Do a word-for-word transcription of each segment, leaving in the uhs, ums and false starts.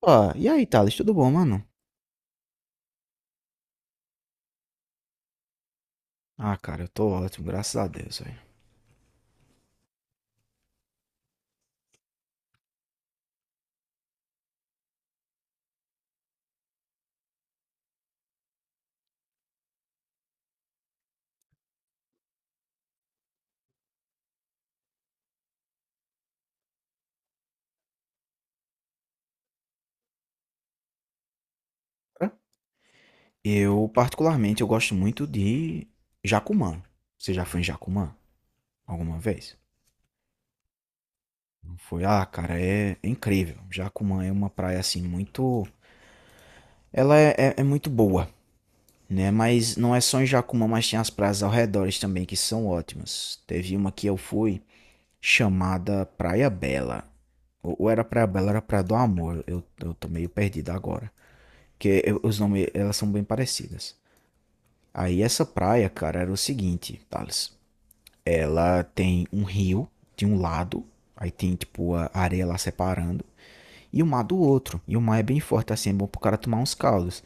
Ó, e aí, Thales, tudo bom, mano? Ah, cara, eu tô ótimo, graças a Deus, velho. Hã? Eu, particularmente, eu gosto muito de Jacumã. Você já foi em Jacumã alguma vez? Não foi? Ah, cara, é incrível. Jacumã é uma praia, assim, muito... Ela é, é- é muito boa, né? Mas não é só em Jacumã, mas tem as praias ao redor também que são ótimas. Teve uma que eu fui chamada Praia Bela. Ou ou era Praia Bela, era Praia do Amor. Eu, eu tô meio perdido agora. Porque os nomes, elas são bem parecidas. Aí essa praia, cara, era o seguinte, Thales. Ela tem um rio de um lado, aí tem tipo a areia lá separando, e o mar do outro. E o mar é bem forte assim, é bom pro cara tomar uns caldos.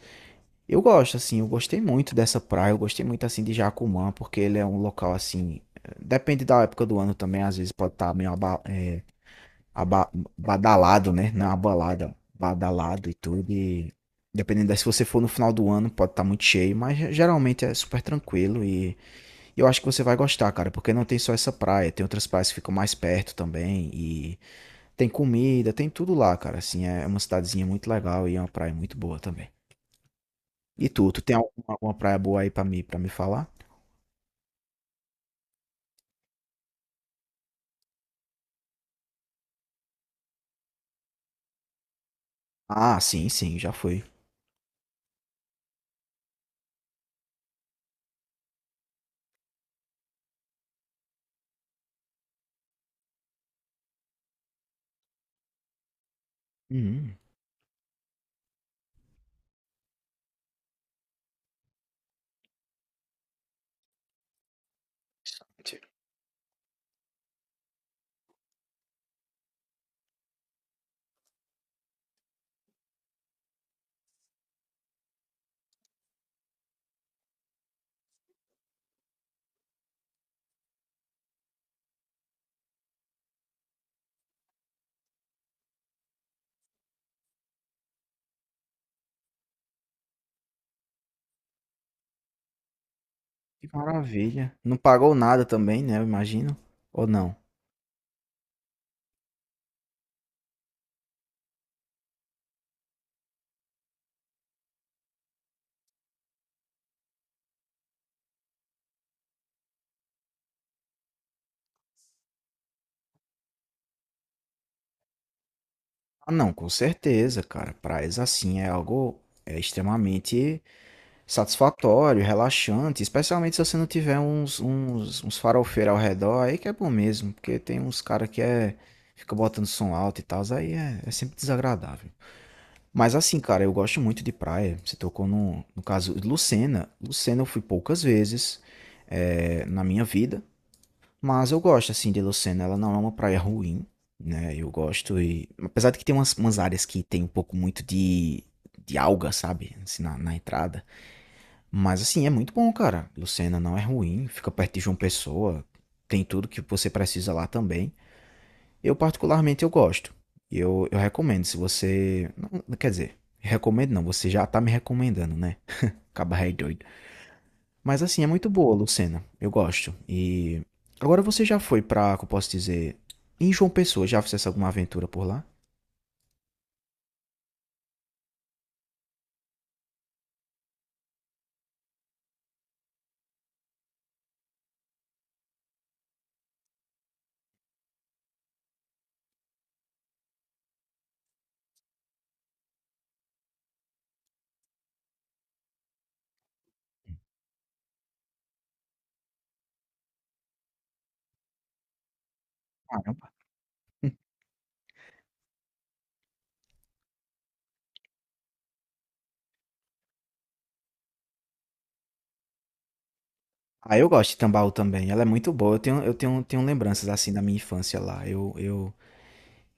Eu gosto assim, eu gostei muito dessa praia, eu gostei muito assim de Jacumã, porque ele é um local assim, eh, depende da época do ano também, às vezes pode estar meio abal aba- badalado, né? Na balada, badalado e tudo. E dependendo da, se você for no final do ano, pode estar muito cheio, mas ge- geralmente é super tranquilo e e eu acho que você vai gostar, cara, porque não tem só essa praia, tem outras praias que ficam mais perto também e tem comida, tem tudo lá, cara. Assim, é é uma cidadezinha muito legal e é uma praia muito boa também. E tu, tu tem alguma, alguma praia boa aí pra mim, para me falar? Ah, sim, sim, já fui. Hum, que maravilha. Não pagou nada também, né? Eu imagino. Ou não? Ah, não, com certeza, cara. Praias assim é algo é extremamente satisfatório, relaxante, especialmente se você não tiver uns, uns, uns farofeiros ao redor, aí que é bom mesmo, porque tem uns cara que é, fica botando som alto e tal, aí é, é sempre desagradável. Mas assim, cara, eu gosto muito de praia. Você tocou no, no caso de Lucena. Lucena eu fui poucas vezes é, na minha vida. Mas eu gosto, assim, de Lucena. Ela não é uma praia ruim, né? Eu gosto e... Apesar de que tem umas, umas áreas que tem um pouco muito de, de alga, sabe? Assim, na, na entrada. Mas, assim, é muito bom, cara. Lucena não é ruim. Fica perto de João Pessoa. Tem tudo que você precisa lá também. Eu, particularmente, eu gosto. Eu, eu recomendo, se você... não, quer dizer, recomendo não. Você já tá me recomendando, né? Caba rei doido. Mas assim, é muito boa, Lucena. Eu gosto. E agora você já foi pra, como eu posso dizer, em João Pessoa, já fizesse alguma aventura por lá? Caramba. Ah, eu gosto de Tambaú também. Ela é muito boa. Eu tenho, eu tenho, tenho lembranças assim da minha infância lá. Eu, eu,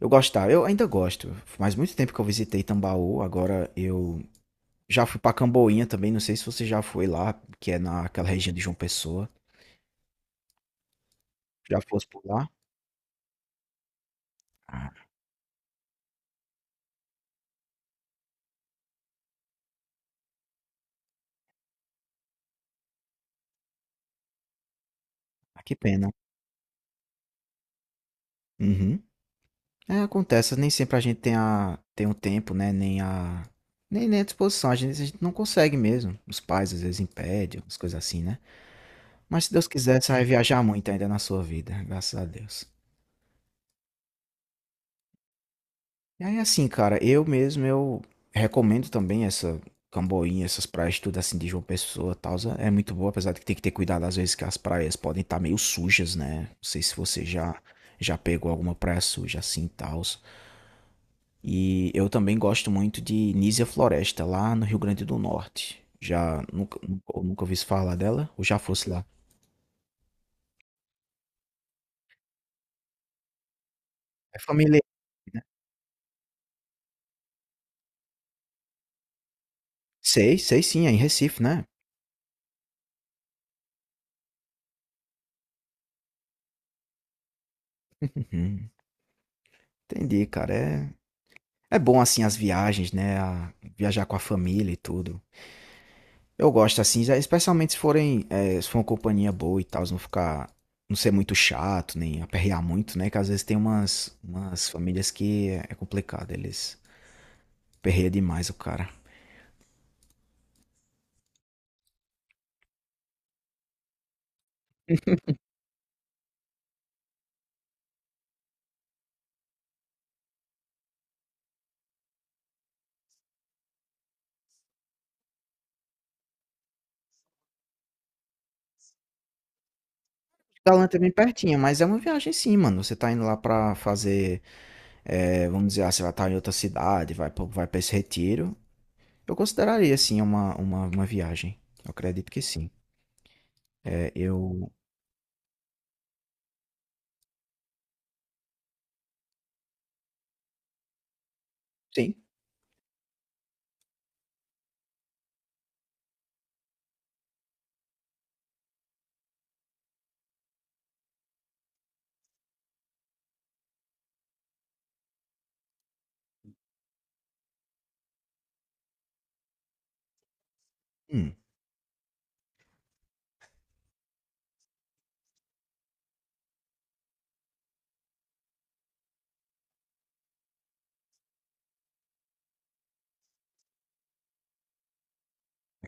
eu gostava. Eu ainda gosto. Faz muito tempo que eu visitei Tambaú. Agora eu já fui pra Camboinha também. Não sei se você já foi lá, que é naquela região de João Pessoa. Já fosse por lá? Ah, que pena. Uhum. É, acontece, nem sempre a gente tem, a, tem o tempo, né? Nem a, nem, nem a disposição, a gente, a gente não consegue mesmo. Os pais às vezes impedem, umas coisas assim, né? Mas se Deus quiser, você vai viajar muito ainda na sua vida, graças a Deus. E aí, assim, cara, eu mesmo, eu recomendo também essa Camboinha, essas praias, tudo assim de João Pessoa e tal. É muito boa, apesar de que tem que ter cuidado às vezes que as praias podem estar meio sujas, né? Não sei se você já, já pegou alguma praia suja assim e tal. E eu também gosto muito de Nísia Floresta, lá no Rio Grande do Norte. Já nunca, nunca, ou nunca ouvi falar dela, ou já fosse lá. É familiar. Sei, sei sim, é em Recife, né? Uhum. Entendi, cara. É, é bom assim as viagens, né? A- viajar com a família e tudo. Eu gosto assim, já- especialmente se forem, é, se for uma companhia boa e tal, se não ficar, não ser muito chato, nem aperrear muito, né? Que às vezes tem umas, umas famílias que é, é complicado, eles aperreiam demais o cara. Talanta é bem pertinho, mas é uma viagem sim, mano. Você tá indo lá pra fazer, eh, vamos dizer, ah, você vai estar em outra cidade, vai, pra- vai para esse retiro. Eu consideraria sim uma, uma, uma viagem. Eu acredito que sim. É, eu. Sim. Hum,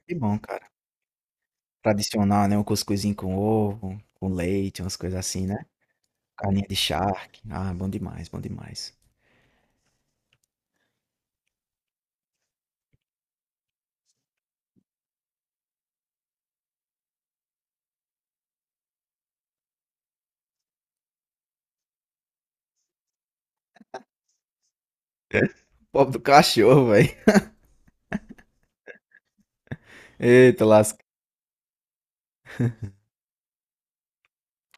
que bom, cara. Tradicional, né? Um cuscuzinho com ovo, com leite, umas coisas assim, né? Carninha de charque. Ah, bom demais, bom demais. Pobre do cachorro, velho. Eita, lasca.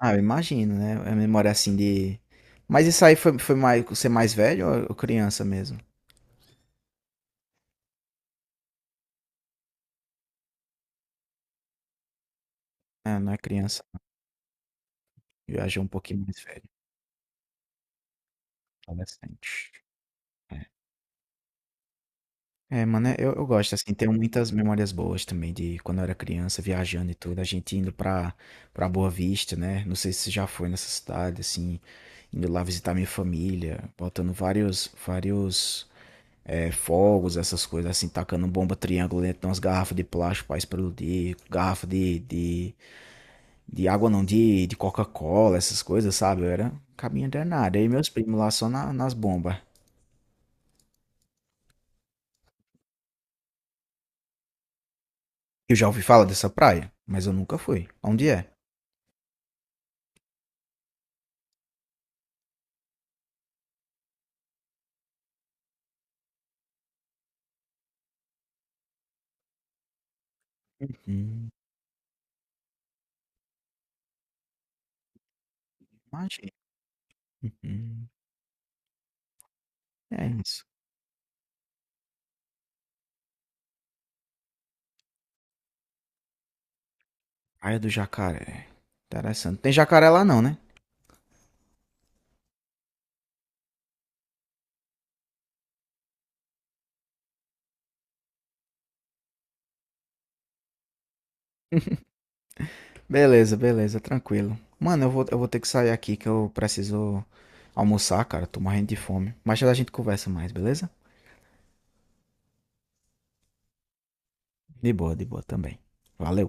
Ah, eu imagino, né? A memória assim de. Mas isso aí foi, foi mais, você mais velho ou ou criança mesmo? É, não é criança não, já já é um pouquinho mais velho, adolescente. É. É, mano, é- eu eu gosto, assim, tenho muitas memórias boas também de quando eu era criança, viajando e tudo, a gente indo pra pra Boa Vista, né, não sei se você já foi nessa cidade, assim, indo lá visitar minha família, botando vários vários, eh, fogos, essas coisas, assim, tacando bomba triângulo dentro de umas garrafas de plástico pra explodir, garrafa de de de água não, de de Coca-Cola, essas coisas, sabe, eu era um cabinha danado, aí meus primos lá só na nas bomba. Eu já ouvi falar dessa praia, mas eu nunca fui. Onde é? Uhum, imagina. Uhum. É isso. Praia do Jacaré. Interessante. Tem jacaré lá não, né? Beleza, beleza, tranquilo. Mano, eu vou, eu vou ter que sair aqui que eu preciso almoçar, cara. Tô morrendo de fome. Mas já a gente conversa mais, beleza? De boa, de boa também. Valeu.